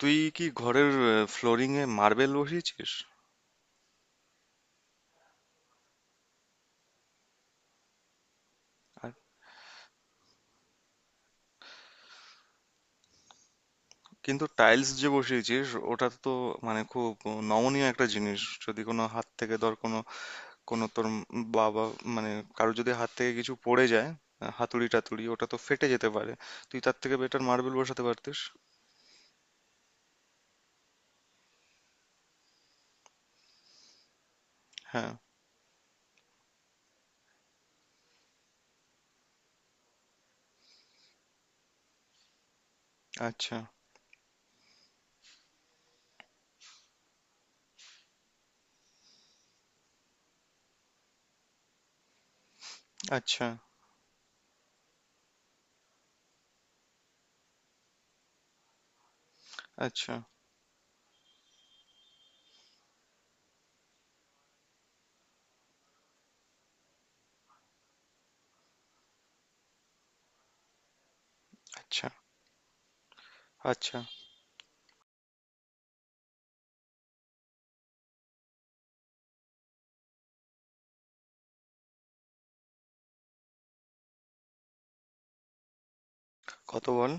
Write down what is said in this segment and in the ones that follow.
তুই কি ঘরের ফ্লোরিং এ মার্বেল বসিয়েছিস? আর কিন্তু টাইলস যে বসিয়েছিস ওটা তো মানে খুব নমনীয় একটা জিনিস। যদি কোনো হাত থেকে ধর কোনো কোনো তোর বাবা মানে কারো যদি হাত থেকে কিছু পড়ে যায়, হাতুড়ি টাতুড়ি, ওটা তো ফেটে যেতে পারে। তুই তার থেকে বেটার মার্বেল বসাতে পারতিস। হ্যাঁ। আচ্ছা। আচ্ছা। আচ্ছা। আচ্ছা। আচ্ছা। কত বল?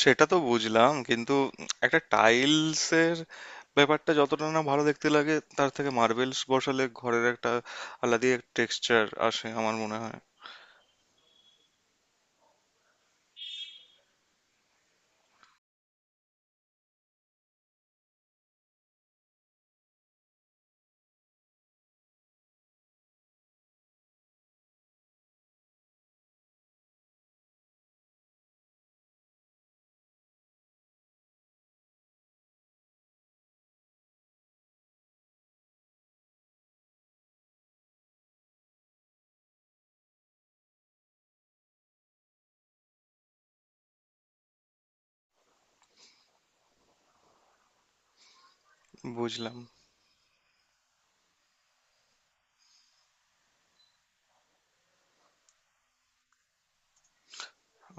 সেটা তো বুঝলাম, কিন্তু একটা টাইলসের ব্যাপারটা যতটা না ভালো দেখতে লাগে, তার থেকে মার্বেলস বসালে ঘরের একটা আলাদাই এক টেক্সচার আসে আমার মনে হয়। বুঝলাম।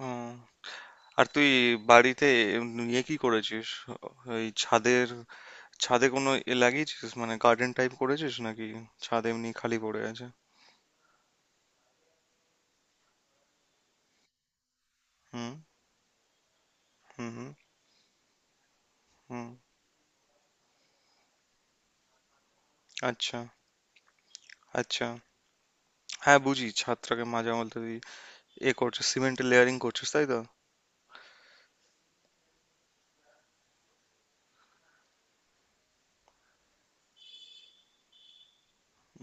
উম, আর তুই বাড়িতে নিয়ে কি করেছিস? ওই ছাদের ছাদে কোনো এ লাগিয়েছিস, মানে গার্ডেন টাইপ করেছিস নাকি ছাদ এমনি খালি পড়ে আছে? হুম। হুম। হুম। হুম। আচ্ছা। আচ্ছা। হ্যাঁ বুঝি, ছাদটাকে মাঝে মধ্যে তুই এ করছিস, সিমেন্টের লেয়ারিং করছিস, তাই তো?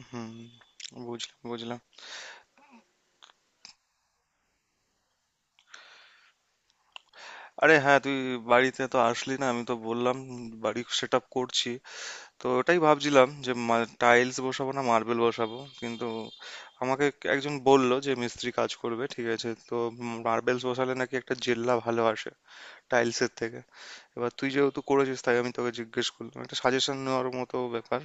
হুম। বুঝলাম বুঝলাম। আরে হ্যাঁ, তুই বাড়িতে তো আসলি না। আমি তো বললাম বাড়ি সেট আপ করছি, তো ওটাই ভাবছিলাম যে টাইলস বসাবো না মার্বেল বসাবো, কিন্তু আমাকে একজন বলল যে মিস্ত্রি কাজ করবে, ঠিক আছে? তো মার্বেলস বসালে নাকি একটা জেল্লা ভালো আসে টাইলসের থেকে। এবার তুই যেহেতু করেছিস, তাই আমি তোকে জিজ্ঞেস করলাম, একটা সাজেশন নেওয়ার মতো ব্যাপার।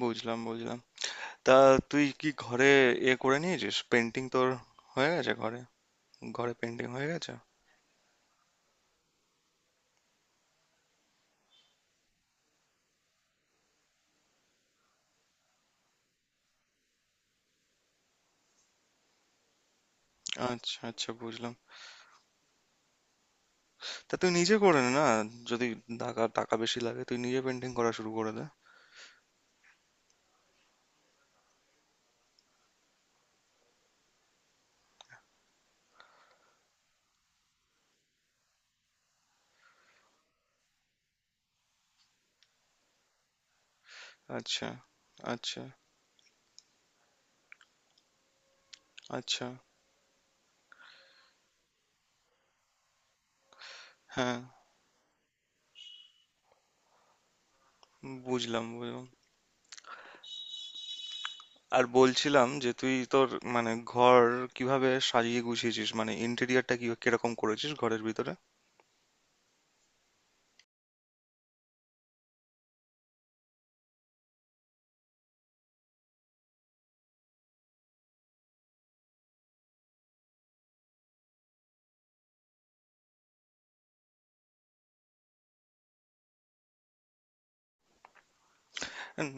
বুঝলাম বুঝলাম। তা তুই কি ঘরে এ করে নিয়েছিস? পেন্টিং তোর হয়ে গেছে ঘরে? ঘরে পেন্টিং হয়ে গেছে? আচ্ছা আচ্ছা বুঝলাম। তা তুই নিজে করে নে না। যদি টাকা টাকা বেশি লাগে তুই নিজে পেন্টিং করা শুরু করে দে। আচ্ছা। আচ্ছা। আচ্ছা। হ্যাঁ। বুঝলাম বুঝলাম। আর বলছিলাম যে তুই তোর মানে ঘর কিভাবে সাজিয়ে গুছিয়েছিস, মানে ইন্টেরিয়রটা কি কিরকম করেছিস ঘরের ভিতরে? হুম।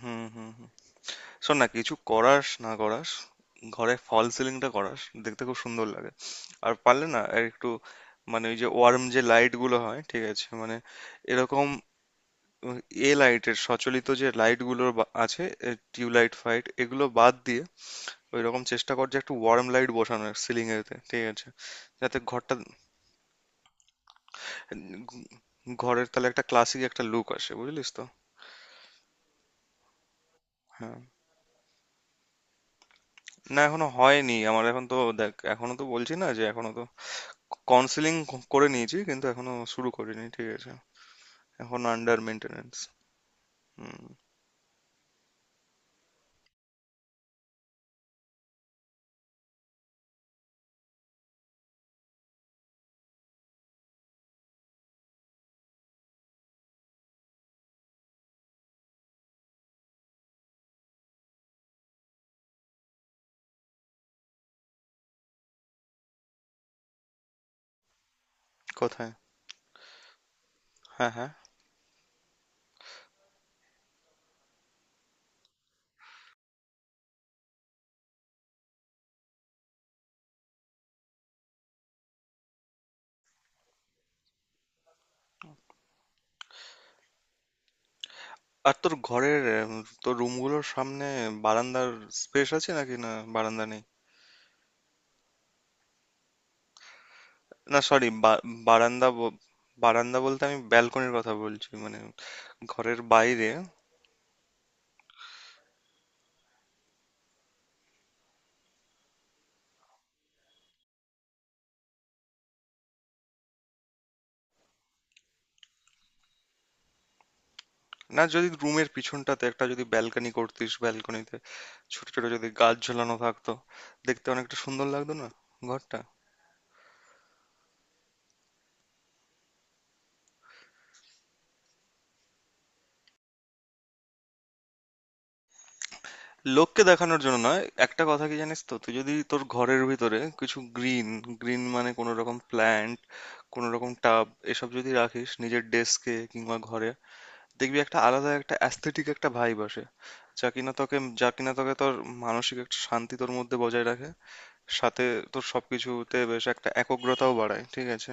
হুম। হুম। হুম। শোন না, কিছু করাস না করাস, ঘরে ফল সিলিংটা করাস, দেখতে খুব সুন্দর লাগে। আর পারলে না, আর একটু মানে ওই যে ওয়ার্ম যে লাইট গুলো হয়, ঠিক আছে? মানে এরকম, এবং এ লাইটের সচলিত যে লাইটগুলো আছে, টিউবলাইট ফাইট এগুলো বাদ দিয়ে ওই রকম চেষ্টা কর যে একটা ওয়ার্ম লাইট বসানোর সিলিং এতে, ঠিক আছে? যাতে ঘরটা উম, ঘরের তাহলে একটা ক্লাসিক একটা লুক আসে, বুঝলিস তো। হ্যাঁ। না এখনো হয়নি, আমার এখন তো দেখ, এখনো তো বলছি না যে এখনো তো কাউন্সিলিং করে নিয়েছি কিন্তু এখনো শুরু করিনি, ঠিক আছে? এখন আন্ডার মেনটেনেন্স। হুম। কোথায়? হ্যাঁ হ্যাঁ। আর তোর ঘরের তোর রুমগুলোর সামনে বারান্দার স্পেস আছে নাকি, না বারান্দা নেই? না সরি, বারান্দা ব- বারান্দা বলতে আমি ব্যালকনির কথা বলছি, মানে ঘরের বাইরে। না, যদি রুমের পিছনটাতে একটা যদি ব্যালকনি করতিস, ব্যালকনিতে ছোট ছোট যদি গাছ ঝোলানো থাকতো, দেখতে অনেকটা সুন্দর লাগতো না ঘরটা? লোককে দেখানোর জন্য নয়, একটা কথা কি জানিস তো, তুই যদি তোর ঘরের ভিতরে কিছু গ্রিন, গ্রিন মানে কোনো রকম প্ল্যান্ট, কোনো রকম টাব, এসব যদি রাখিস নিজের ডেস্কে কিংবা ঘরে, দেখবি একটা আলাদা একটা অ্যাস্থেটিক একটা ভাইব আসে, যা কিনা তোকে তোর মানসিক একটা শান্তি তোর মধ্যে বজায় রাখে। সাথে তোর সবকিছুতে বেশ একটা একগ্রতাও বাড়ায়, ঠিক আছে?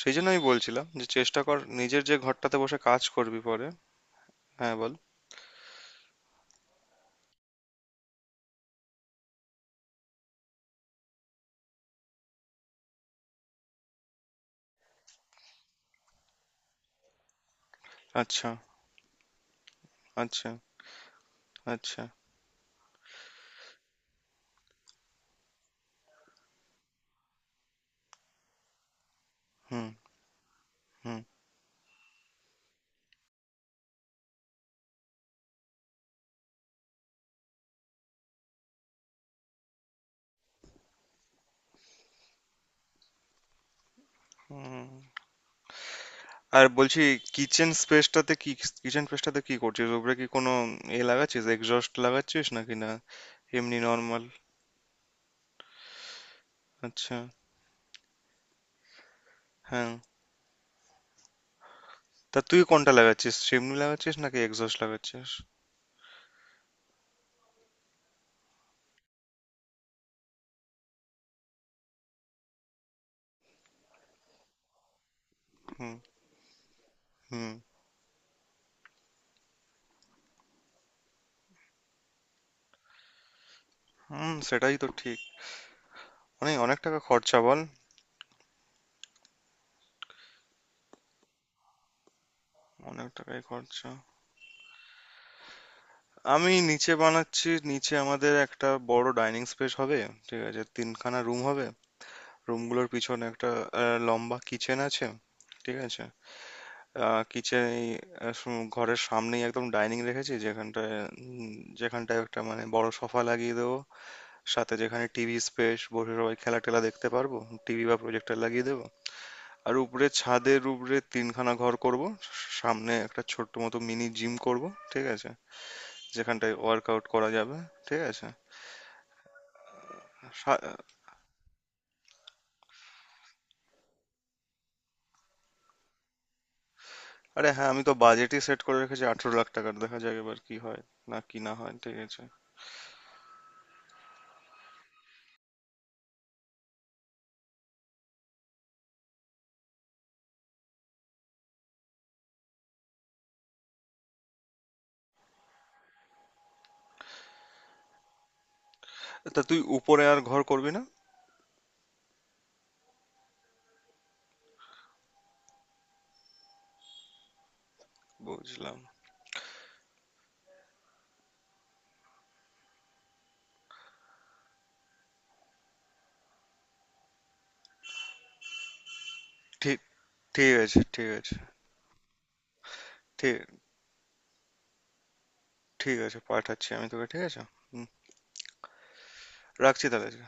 সেই জন্য আমি বলছিলাম যে চেষ্টা কর নিজের যে ঘরটাতে বসে কাজ করবি পরে। হ্যাঁ বল। আচ্ছা। আচ্ছা। আচ্ছা। হুম। হুম। হুম। আর বলছি, কিচেন স্পেসটাতে কি, কিচেন স্পেসটাতে কি করছিস উপরে? কি কোনো এ লাগাচ্ছিস, এক্সস্ট লাগাচ্ছিস নাকি না এমনি নর্মাল? আচ্ছা। হ্যাঁ। তা তুই কোনটা লাগাচ্ছিস, চিমনি লাগাচ্ছিস নাকি এক্সস্ট লাগাচ্ছিস? হুম। হুম। হুম সেটাই তো ঠিক। অনেক অনেক টাকা খরচা বল। অনেক টাকাই খরচা। আমি নিচে বানাচ্ছি, নিচে আমাদের একটা বড় ডাইনিং স্পেস হবে। ঠিক আছে, তিনখানা রুম হবে। রুমগুলোর পিছনে একটা লম্বা কিচেন আছে, ঠিক আছে। কিচেন এই ঘরের সামনেই একদম ডাইনিং রেখেছি যেখানটায়, উম, যেখানটায় একটা মানে বড় সোফা লাগিয়ে দেবো। সাথে যেখানে টিভি স্পেস, বসে সবাই খেলা টেলা দেখতে পারবো, টিভি বা প্রজেক্টর লাগিয়ে দেবো। আর উপরে ছাদের উপরে তিনখানা ঘর করব, সামনে একটা ছোট্ট মতো মিনি জিম করব, ঠিক আছে? যেখানটায় ওয়ার্কআউট করা যাবে, ঠিক আছে। সা- আরে হ্যাঁ, আমি তো বাজেটই সেট করে রেখেছি 18 লাখ টাকার, দেখা যাক এবার কি হয় না কি না হয়, ঠিক আছে। তা তুই উপরে আর ঘর করবি না? বুঝলাম। ঠিক। ঠিক আছে। ঠিক আছে। ঠিক। ঠিক আছে, পাঠাচ্ছি আমি তোকে, ঠিক আছে। হুম। রাখছি তাহলে।